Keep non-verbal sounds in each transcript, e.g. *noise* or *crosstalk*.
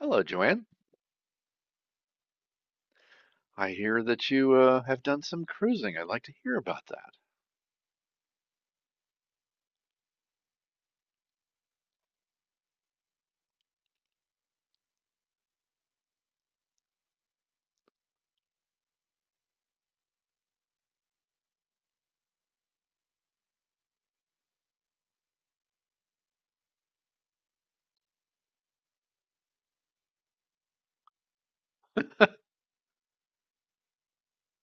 Hello, Joanne. I hear that you have done some cruising. I'd like to hear about that.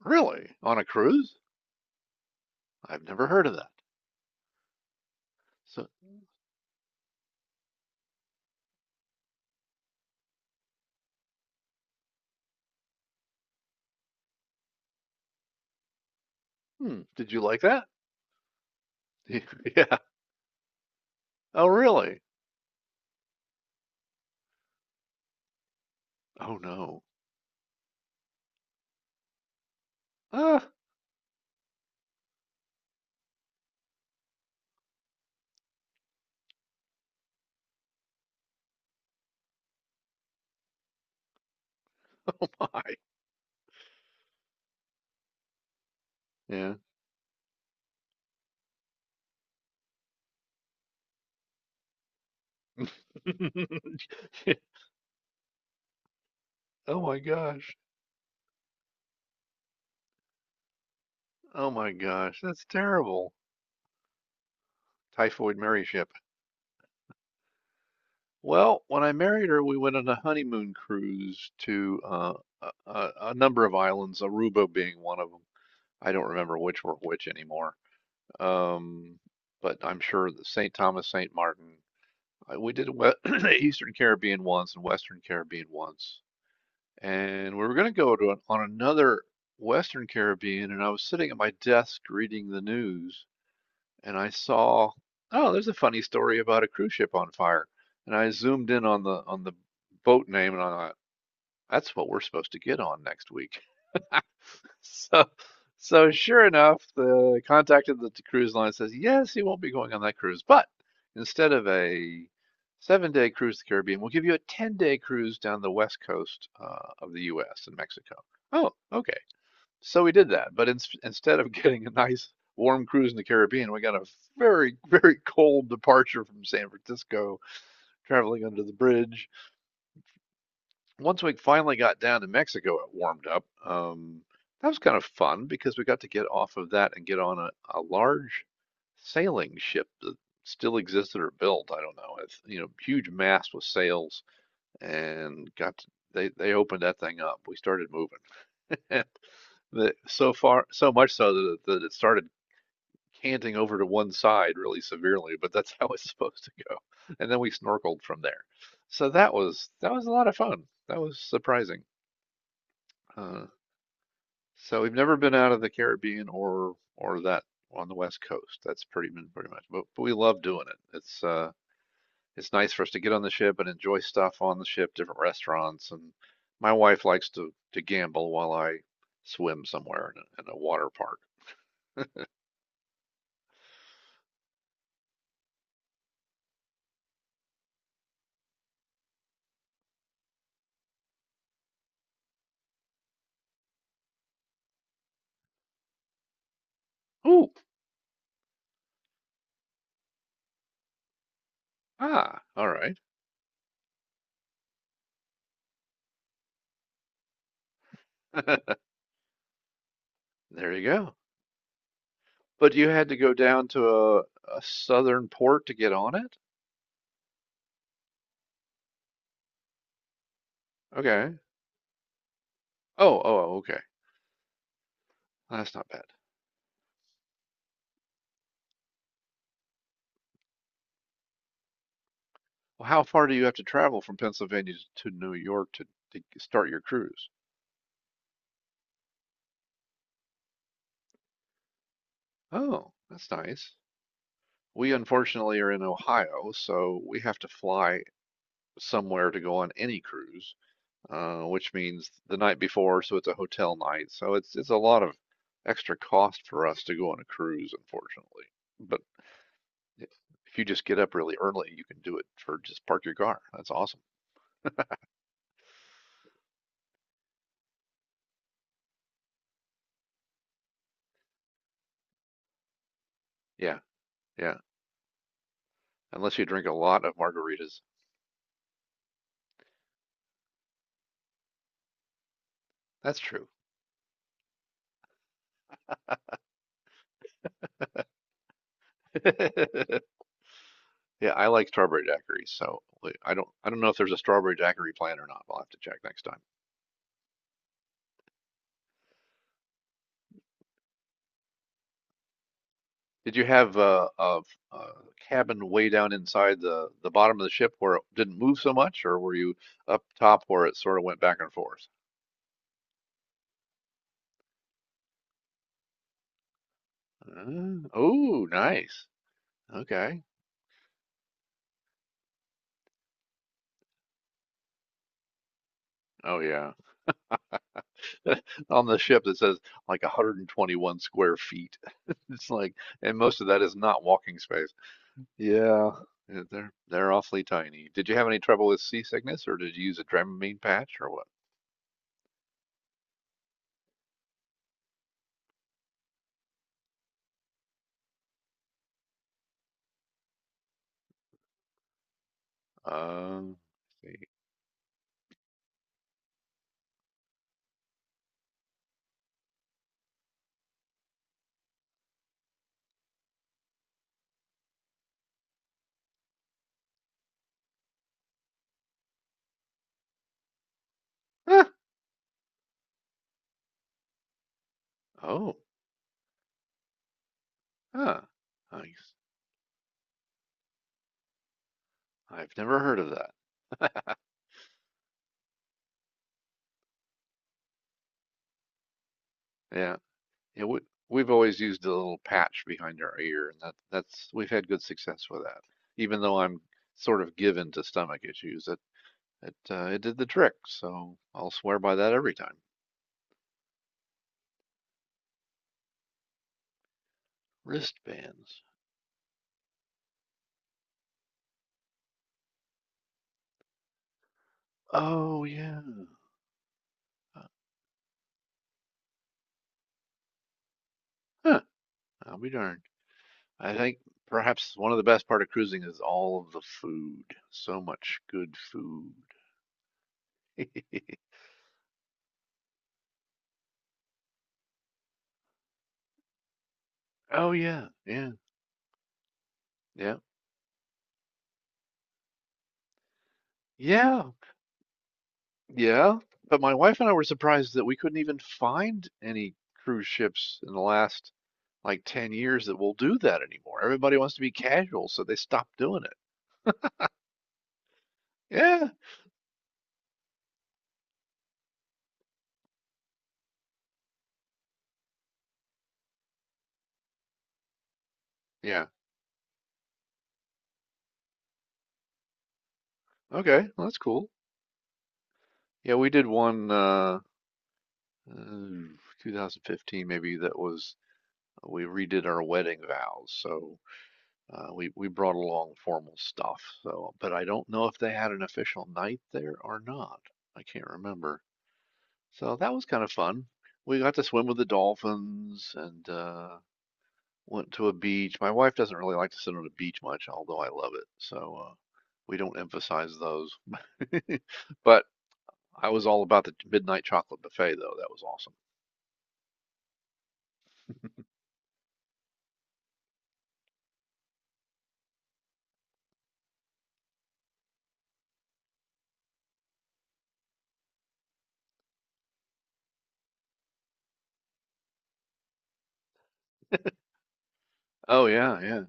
Really? On a cruise? I've never heard of that. So, hmm, did you like that? *laughs* Yeah. Oh, really? Oh, no. *laughs* my. Yeah. *laughs* oh my gosh. Oh my gosh. That's terrible. Typhoid Mary ship. Well, when I married her, we went on a honeymoon cruise to a number of islands, Aruba being one of them. I don't remember which were which anymore. Um, but I'm sure that St. Thomas, St. Martin. I, we did we- *clears throat* Eastern Caribbean once and Western Caribbean once. And we were going to go to on another Western Caribbean, and I was sitting at my desk reading the news, and I saw, oh, there's a funny story about a cruise ship on fire, and I zoomed in on the boat name, and I thought, that's what we're supposed to get on next week. So, so sure enough, the contact at the cruise line says, yes, he won't be going on that cruise, but instead of a 7 day cruise to the Caribbean, we'll give you a 10-day cruise down the west coast of the US and Mexico. Oh, okay. So we did that, but instead of *laughs* getting a nice warm cruise in the Caribbean, we got a very, very cold departure from San Francisco, traveling under the bridge once we finally got down to Mexico, it warmed up. That was kind of fun because we got to get off of that and get on a large sailing ship that still existed or built. I don't know. It's, you know, huge mast with sails and got to, they opened that thing up. We started moving. *laughs* So far, so much so that it started canting over to one side really severely, but that's *laughs* how it's supposed to go. And then we snorkeled from there. So that was a lot of fun. That was surprising. Uh, so we've never been out of the Caribbean or that on the West Coast. That's pretty much, but we love doing it. It's nice for us to get on the ship and enjoy stuff on the ship, different restaurants. And my wife likes to gamble while I swim somewhere in a water park. Ooh, ah, all right. *laughs* There you go. But you had to go down to a southern port to get on it? Okay. Oh, oh, oh, okay. That's not bad. Well, how far do you have to travel from Pennsylvania to New York to start your cruise? Oh, that's nice. We unfortunately are in Ohio, so we have to fly somewhere to go on any cruise, which means the night before, so it's a hotel night. So it's a lot of extra cost for us to go on a cruise, unfortunately. But i- if you just get up really early, you can do it for just park your car. That's awesome. Yeah, yeah. Unless you drink a lot of margaritas. That's true. *laughs* Yeah, I like strawberry daiquiri, so like, I don't know if there's a strawberry daiquiri plan or not. I'll have to check next time. Did you have a cabin way down inside the bottom of the ship where it didn't move so much, or were you up top where it sort of went back and forth? Oh, nice. Okay. Oh yeah. *laughs* On the ship that says like 121 square feet. *laughs* It's like, and most of that is not walking space. Yeah. Yeah, they're awfully tiny. Did you have any trouble with seasickness, or did you use a Dramamine patch, or what? Um, let's see. Huh. Oh, huh. Nice. I've never heard of that. *laughs* Yeah, yeah. We we've always used a little patch behind our ear, and that's we've had good success with that. Even though I'm sort of given to stomach issues, it it did the trick. So I'll swear by that every time. Wristbands. Oh yeah. Uh, Huh. I'll be darned. I think perhaps one of the best part of cruising is all of the food. So much good food. *laughs* Oh yeah, yeah, yeah, yeah, yeah. But my wife and I were surprised that we couldn't even find any cruise ships in the last like 10 years that will do that anymore. Everybody wants to be casual, so they stopped doing it. Yeah, yeah. Okay, well, that's cool. Yeah, we did one uh 2015 maybe that was we redid our wedding vows. So we brought along formal stuff, so but I don't know if they had an official night there or not. I can't remember. So that was kind of fun. We got to swim with the dolphins and went to a beach. My wife doesn't really like to sit on a beach much, although I love it. So we don't emphasize those. *laughs* But I was all about the midnight chocolate buffet, though. That was awesome. Oh yeah, yeah,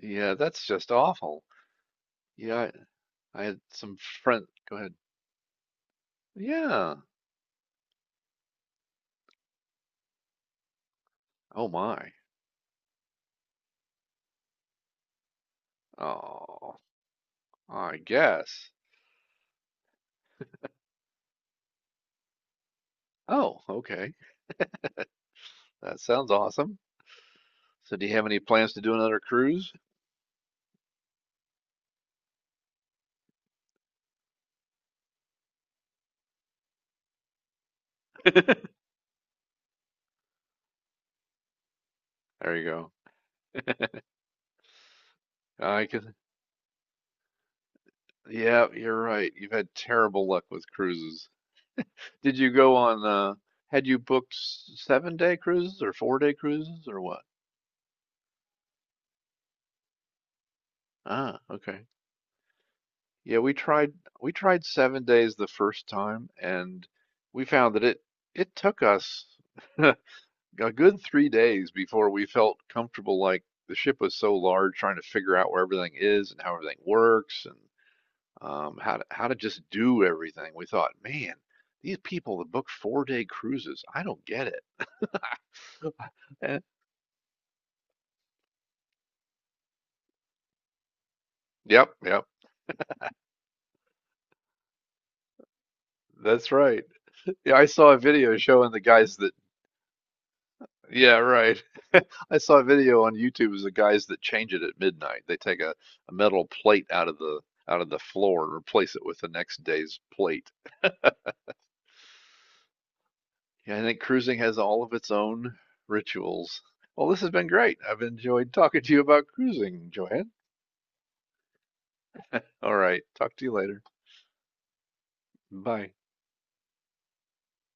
yeah. That's just awful. Yeah, I had some friend. Go ahead. Yeah. Oh my. Oh, I guess. Oh, okay. That sounds awesome. So, do you have any plans to do another cruise? *laughs* There you go. I can. Yeah, you're right. You've had terrible luck with cruises. Did you go on, had you booked 7 day cruises or 4 day cruises or what? Ah, okay. Yeah, we tried 7 days the first time and we found that it took us *laughs* a a good 3 days before we felt comfortable. Like the ship was so large, trying to figure out where everything is and how everything works and how to just do everything. We thought, man, these people that book 4 day cruises, I don't get it. Eh, yep, yep, that's right. Yeah, I saw a video showing the guys that. Yeah, right. *laughs* I saw a video on YouTube of the guys that change it at midnight. They take a metal plate out of the floor and replace it with the next day's plate. Yeah, I think cruising has all of its own rituals. Well, this has been great. I've enjoyed talking to you about cruising, Joanne. All right. Talk to you later. Bye.